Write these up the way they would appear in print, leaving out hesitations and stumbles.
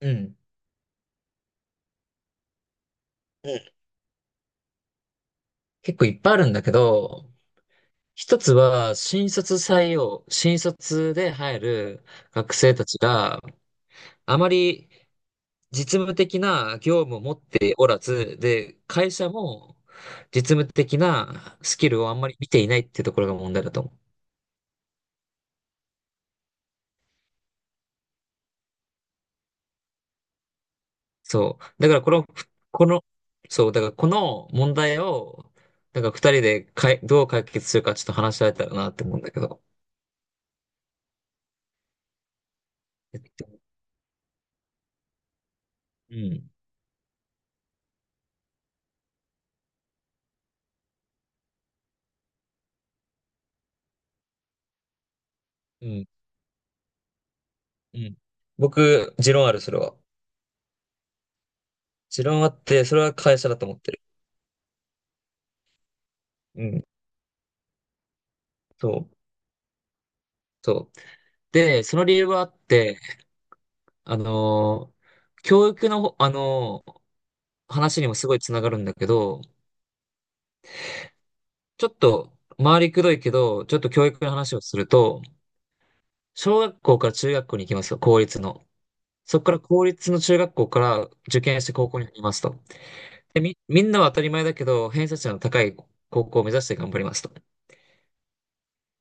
うん。うん、結構いっぱいあるんだけど、一つは新卒採用、新卒で入る学生たちがあまり実務的な業務を持っておらず、で、会社も実務的なスキルをあんまり見ていないっていうところが問題だと思う。そう。だからこの、この、そう、だからこの問題を、なんか二人でどう解決するかちょっと話し合えたらなって思うんだけど。えっとうん。うん。うん。僕、持論ある、それは。持論あって、それは会社だと思ってる。うん。そう。そう。で、その理由はあって、あのー教育のほ、話にもすごいつながるんだけど、ちょっと、回りくどいけど、ちょっと教育の話をすると、小学校から中学校に行きますよ、公立の。そこから公立の中学校から受験して高校に入りますと。で、みんなは当たり前だけど、偏差値の高い高校を目指して頑張りますと。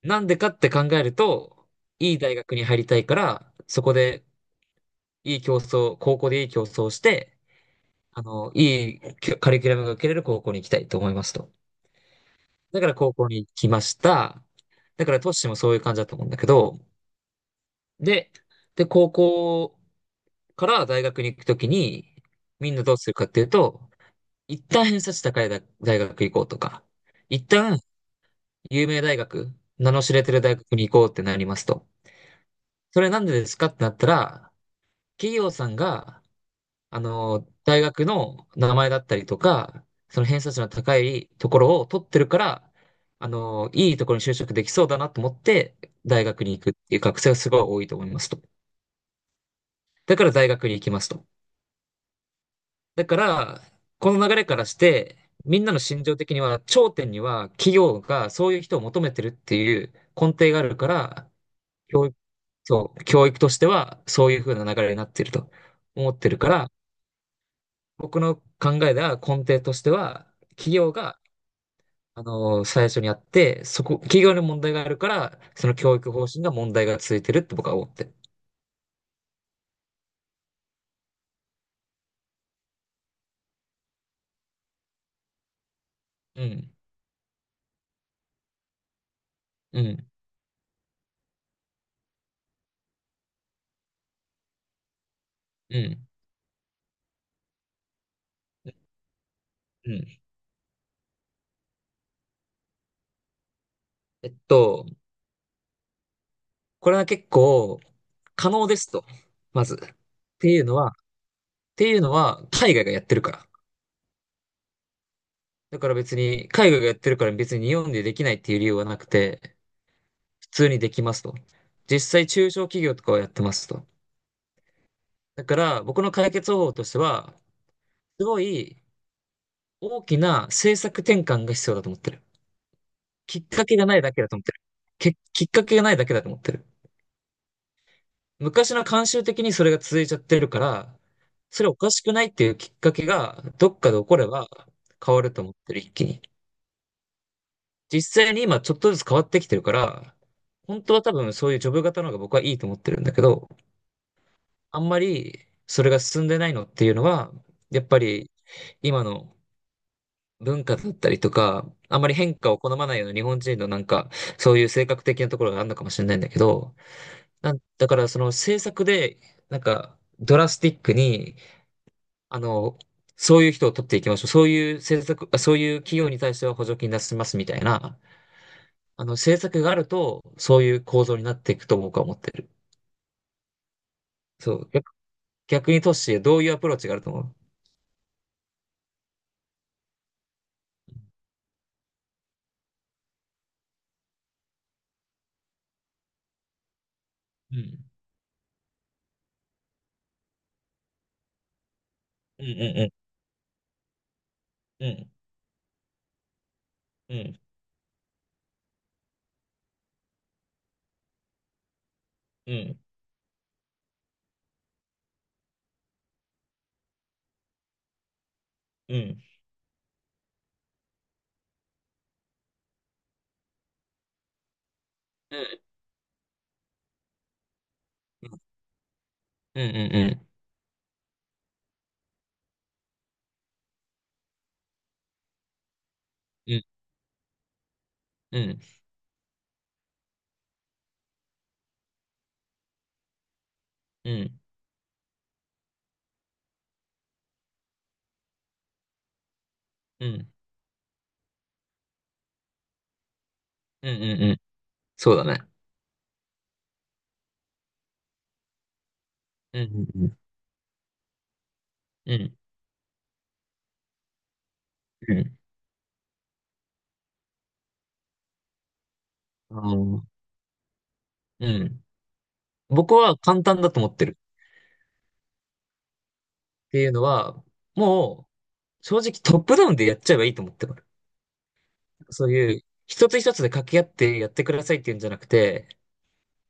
なんでかって考えると、いい大学に入りたいから、そこでいい競争、高校でいい競争をして、いいカリキュラムが受けれる高校に行きたいと思いますと。だから高校に行きました。だからトッシーもそういう感じだと思うんだけど、で、で、高校から大学に行くときに、みんなどうするかっていうと、一旦偏差値高い大学行こうとか、一旦有名大学、名の知れてる大学に行こうってなりますと。それなんでですかってなったら、企業さんが、大学の名前だったりとか、その偏差値の高いところを取ってるから、いいところに就職できそうだなと思って、大学に行くっていう学生がすごい多いと思いますと。だから大学に行きますと。だから、この流れからして、みんなの心情的には、頂点には企業がそういう人を求めてるっていう根底があるから、教育、そう、教育としてはそういう風な流れになってると思ってるから、僕の考えでは根底としては、企業が、最初にやって、企業に問題があるから、その教育方針が問題が続いてるって僕は思ってる。うん、うん、うん、うん。えっと、これは結構可能ですと、まず。っていうのは、海外がやってるから。だから別に、海外がやってるから別に日本でできないっていう理由はなくて、普通にできますと。実際中小企業とかはやってますと。だから僕の解決方法としては、すごい大きな政策転換が必要だと思ってる。きっかけがないだけだと思ってる。きっかけがないだけだと思ってる。昔の慣習的にそれが続いちゃってるから、それおかしくないっていうきっかけがどっかで起これば変わると思ってる、一気に。実際に今ちょっとずつ変わってきてるから、本当は多分そういうジョブ型の方が僕はいいと思ってるんだけど、あんまりそれが進んでないのっていうのは、やっぱり今の文化だったりとか、あんまり変化を好まないような日本人のなんか、そういう性格的なところがあるのかもしれないんだけど、なんだからその政策で、なんか、ドラスティックに、あの、そういう人を取っていきましょう。そういう政策、そういう企業に対しては補助金出しますみたいな、政策があると、そういう構造になっていくと思う思ってる。そう。逆に都市シどういうアプローチがあると思う？うんうんうん。うん。うん。うん。うん。うん。うん。うん。うん。うん。うん。うん。うん。うんうんうん。そうだね。うんうんうん。うん。うん。あー、うん。僕は簡単だと思ってる。っていうのは、もう、正直トップダウンでやっちゃえばいいと思ってる。そういう、一つ一つで掛け合ってやってくださいっていうんじゃなくて、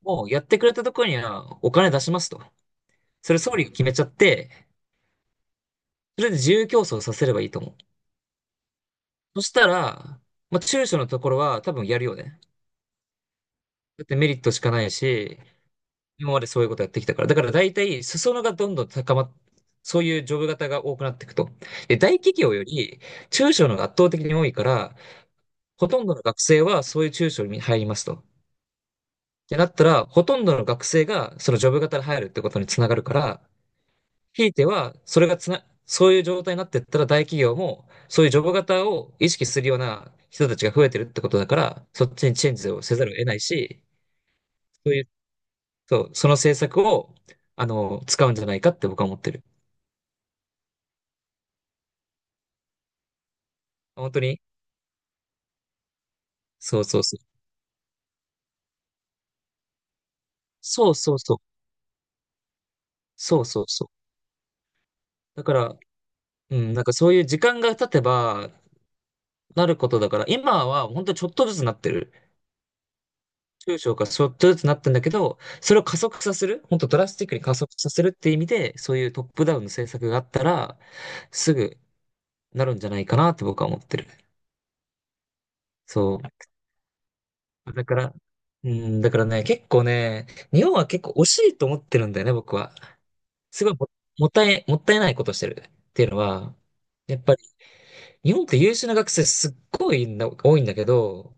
もうやってくれたところにはお金出しますと。それ総理が決めちゃって、それで自由競争させればいいと思う。そしたら、まあ、中小のところは多分やるよね。だってメリットしかないし、今までそういうことやってきたから。だから大体、裾野がどんどん高まっ、そういうジョブ型が多くなっていくと。で、大企業より中小の方が圧倒的に多いから、ほとんどの学生はそういう中小に入りますと。ってなったら、ほとんどの学生がそのジョブ型で入るってことにつながるから、ひいては、それがつな、そういう状態になっていったら大企業も、そういうジョブ型を意識するような人たちが増えてるってことだから、そっちにチェンジをせざるを得ないし、そういう、そう、その政策を、使うんじゃないかって僕は思ってる。本当にそうそうそう。そうそうそう。そうそうそう。だから、うん、なんかそういう時間が経てば、なることだから、今は本当にちょっとずつなってる。中小がちょっとずつなってんだけど、それを加速させる、本当ドラスティックに加速させるっていう意味で、そういうトップダウンの政策があったら、すぐなるんじゃないかなって僕は思ってる。そう。だから、うん、だからね、結構ね、日本は結構惜しいと思ってるんだよね、僕は。すごいも、もったいないことしてるっていうのは、やっぱり日本って優秀な学生すっごいな多いんだけど、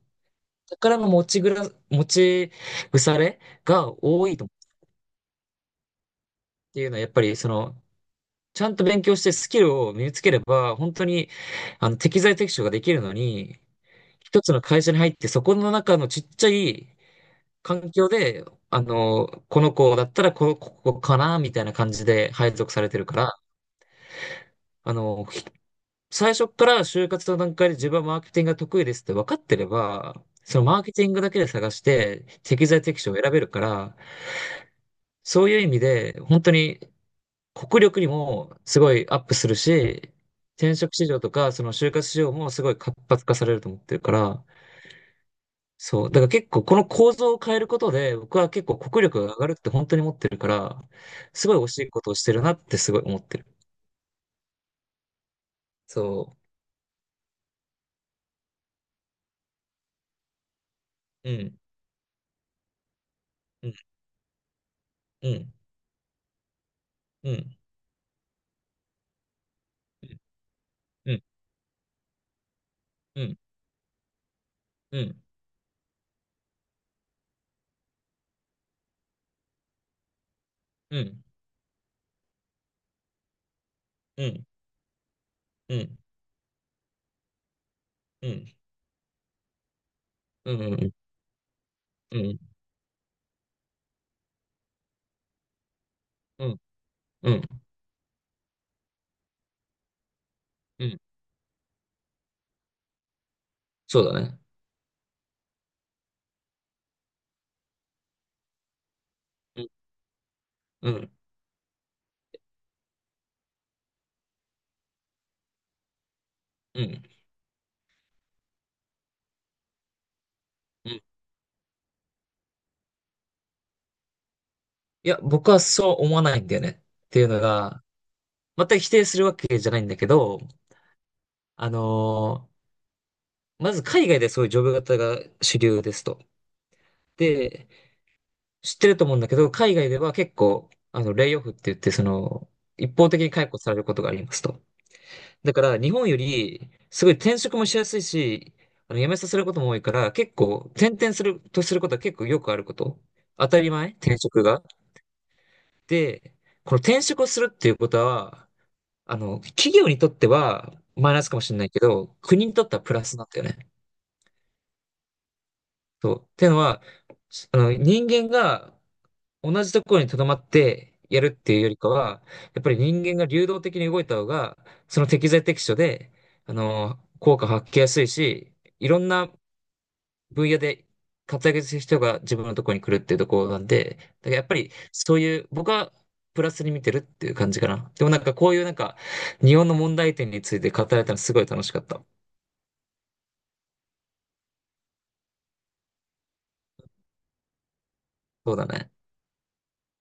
宝の持ち腐れが多いと思うっていうのは、やっぱりその、ちゃんと勉強してスキルを身につければ、本当に、適材適所ができるのに、一つの会社に入って、そこの中のちっちゃい環境で、この子だったらここかな、みたいな感じで配属されてるから、あの、最初から就活の段階で自分はマーケティングが得意ですって分かってれば、そのマーケティングだけで探して適材適所を選べるから、そういう意味で本当に国力にもすごいアップするし、転職市場とかその就活市場もすごい活発化されると思ってるから、そう。だから結構この構造を変えることで僕は結構国力が上がるって本当に思ってるから、すごい惜しいことをしてるなってすごい思ってる。そう。うん。うん。うん。うん。うん。うん。うん。うんうん、うん、うん、うん、うん、うん、うん、うん、うん、うん、そうだね。うん、うん、うん、うん。いや、僕はそう思わないんだよね。っていうのが、全く否定するわけじゃないんだけど、あのーまず海外でそういうジョブ型が主流ですと。で、知ってると思うんだけど、海外では結構、レイオフって言って、一方的に解雇されることがありますと。だから日本よりすごい転職もしやすいし、辞めさせることも多いから、結構転々することは結構よくあること。当たり前転職が。で、この転職をするっていうことは、企業にとってはマイナスかもしれないけど、国にとってはプラスなんだよね。そう。っていうのは、人間が同じところに留まってやるっていうよりかは、やっぱり人間が流動的に動いた方が、その適材適所で、効果発揮やすいし、いろんな分野で活躍する人が自分のところに来るっていうところなんで、だからやっぱりそういう、僕はプラスに見てるっていう感じかな。でもなんかこういうなんか、日本の問題点について語られたのすごい楽しかった。そうだね。